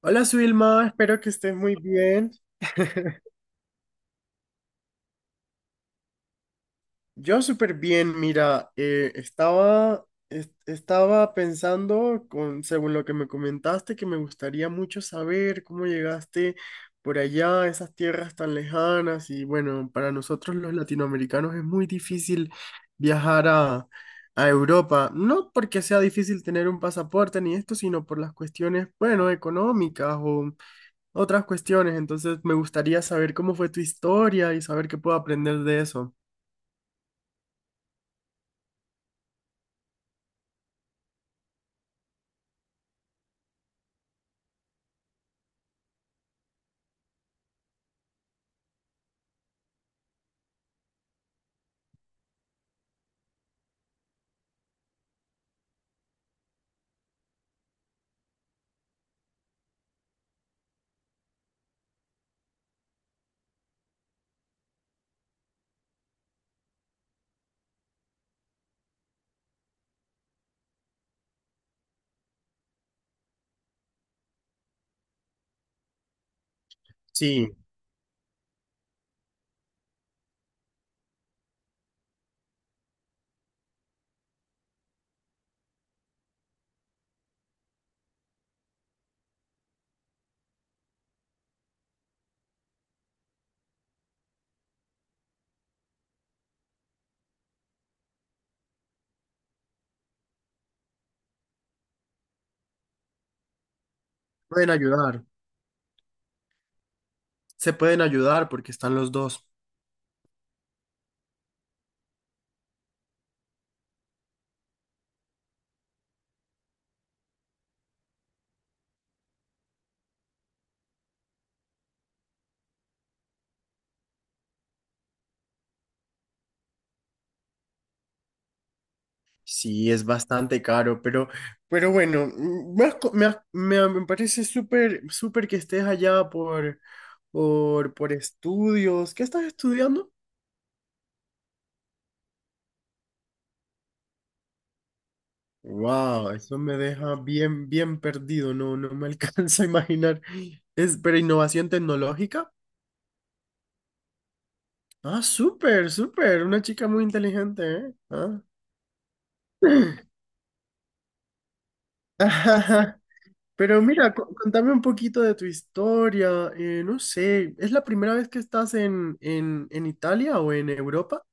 Hola, Suilma, espero que estés muy bien. Yo súper bien, mira, estaba pensando, con, según lo que me comentaste, que me gustaría mucho saber cómo llegaste por allá a esas tierras tan lejanas y bueno, para nosotros los latinoamericanos es muy difícil viajar a Europa, no porque sea difícil tener un pasaporte ni esto, sino por las cuestiones, bueno, económicas otras cuestiones, entonces me gustaría saber cómo fue tu historia y saber qué puedo aprender de eso. Sí, pueden ayudar, se pueden ayudar porque están los dos. Sí, es bastante caro, pero bueno, mm, me, has co- me, has- me- me parece súper, súper que estés allá por estudios. ¿Qué estás estudiando? Wow, eso me deja bien, bien perdido, no me alcanza a imaginar. Es, pero innovación tecnológica. Ah, súper, súper. Una chica muy inteligente, ¿eh? Ah. Ajá. Pero mira, contame un poquito de tu historia. No sé, ¿es la primera vez que estás en Italia o en Europa?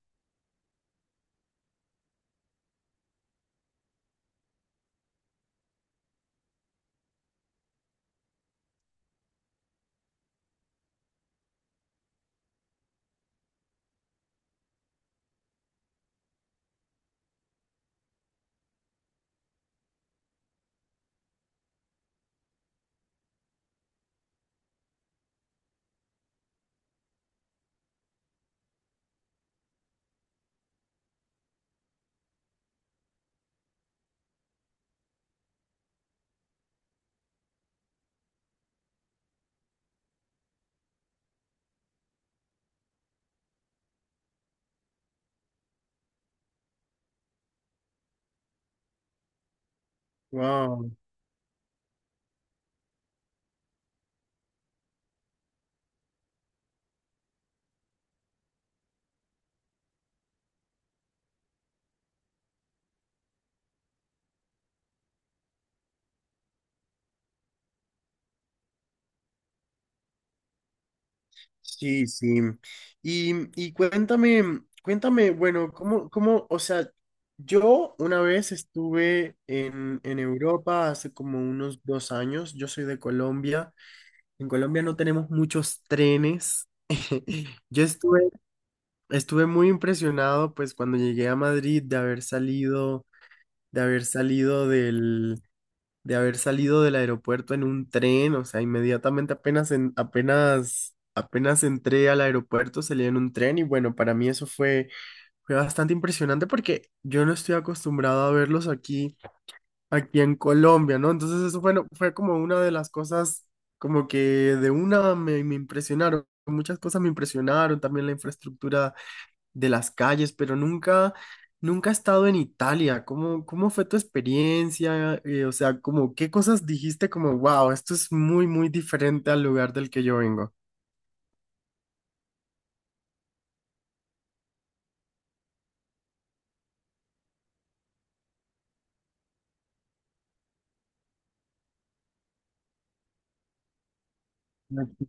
Wow, sí, sí. Y, y cuéntame, cuéntame, bueno, ¿cómo, cómo, o sea, yo una vez estuve en Europa hace como unos dos años, yo soy de Colombia, en Colombia no tenemos muchos trenes, yo estuve estuve muy impresionado, pues, cuando llegué a Madrid de haber salido, de haber salido de haber salido del aeropuerto en un tren, o sea, inmediatamente apenas apenas entré al aeropuerto, salí en un tren y bueno, para mí fue bastante impresionante porque yo no estoy acostumbrado a verlos aquí, aquí en Colombia, ¿no? Entonces fue como una de las cosas, como que de una me impresionaron, muchas cosas me impresionaron, también la infraestructura de las calles, pero nunca, nunca he estado en Italia. ¿Cómo, cómo fue tu experiencia? O sea, como, ¿qué cosas dijiste como, wow, esto es muy, muy diferente al lugar del que yo vengo? Ay,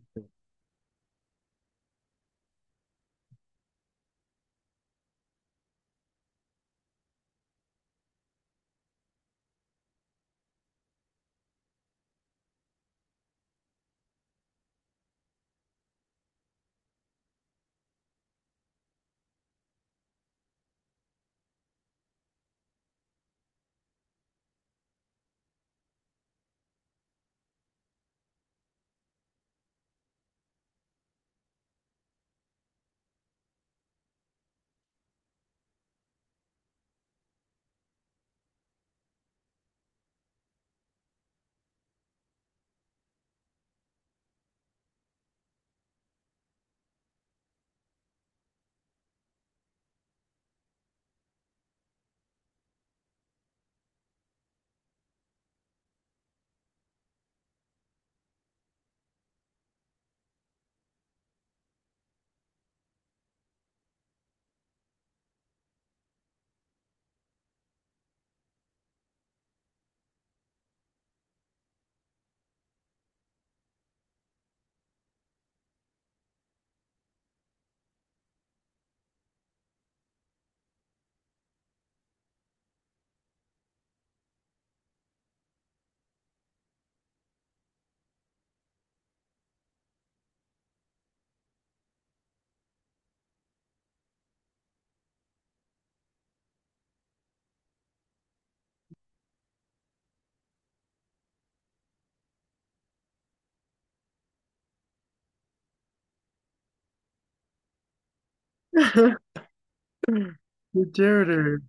qué chévere.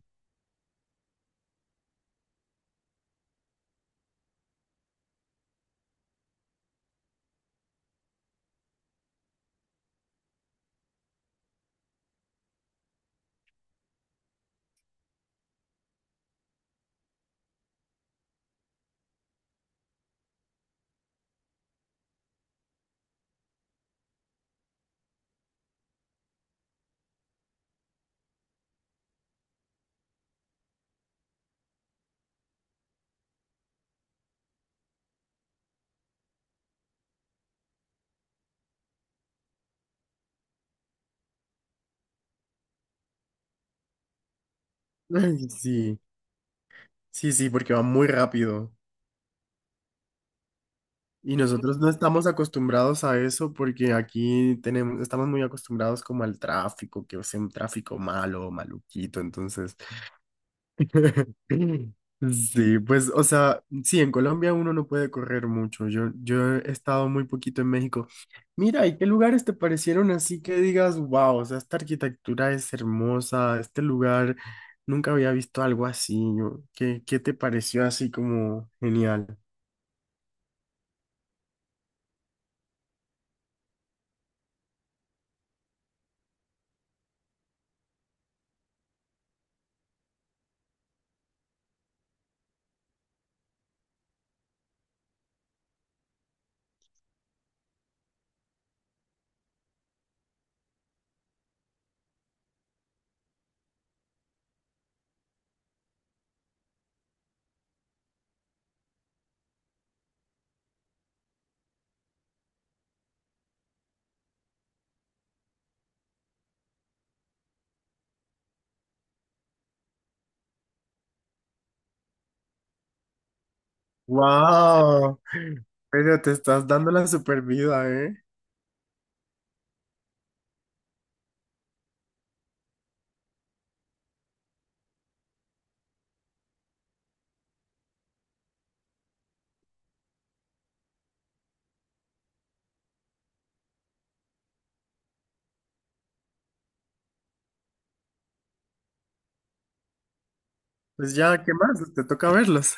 Ay, sí, sí, sí, porque va muy rápido. Y nosotros no estamos acostumbrados a eso porque aquí tenemos, estamos muy acostumbrados como al tráfico, que es un tráfico malo, maluquito, entonces... Sí, pues, o sea, sí, en Colombia uno no puede correr mucho. Yo he estado muy poquito en México. Mira, ¿y qué lugares te parecieron así que digas, wow, o sea, esta arquitectura es hermosa, este lugar, nunca había visto algo así. ¿Qué, qué te pareció así como genial? Wow, pero te estás dando la super vida, ¿eh? Pues ya, ¿qué más? Te toca verlos.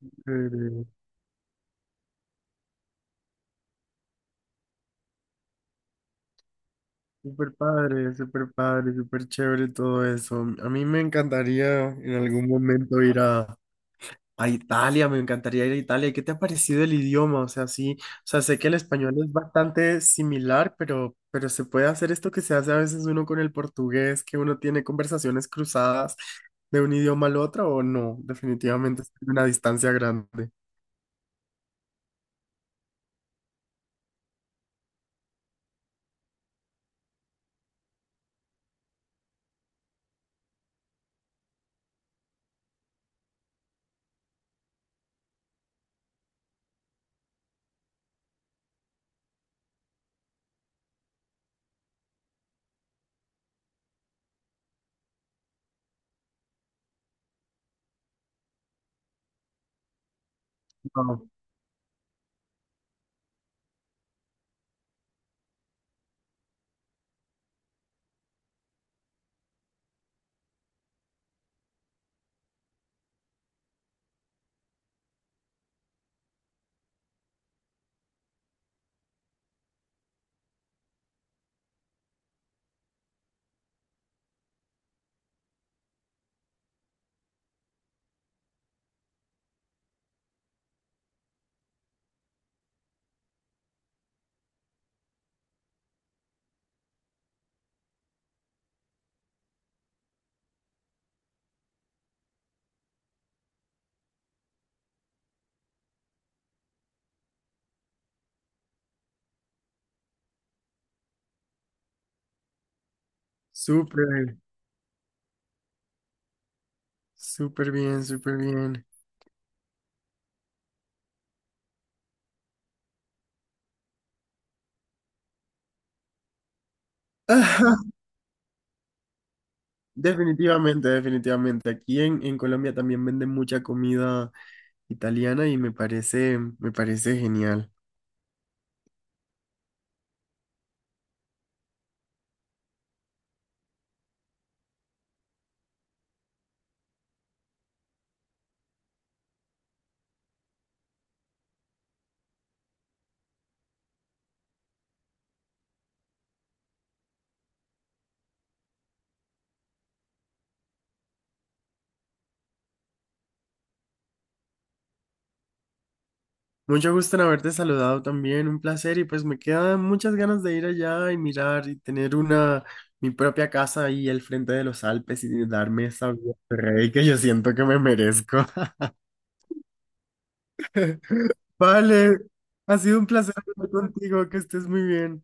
Súper padre, súper padre, súper chévere todo eso. A mí me encantaría en algún momento ir a Italia, me encantaría ir a Italia. ¿Qué te ha parecido el idioma? O sea, sí, o sea, sé que el español es bastante similar, pero se puede hacer esto que se hace a veces uno con el portugués, que uno tiene conversaciones cruzadas de un idioma al otro, o no, definitivamente es una distancia grande. Wow, súper, súper bien, súper bien. Definitivamente, definitivamente. Aquí en Colombia también venden mucha comida italiana y me parece genial. Mucho gusto en haberte saludado también, un placer y pues me quedan muchas ganas de ir allá y mirar y tener una, mi propia casa ahí al frente de los Alpes y darme esa vida de rey que yo siento que me merezco. Vale, ha sido un placer hablar contigo, que estés muy bien.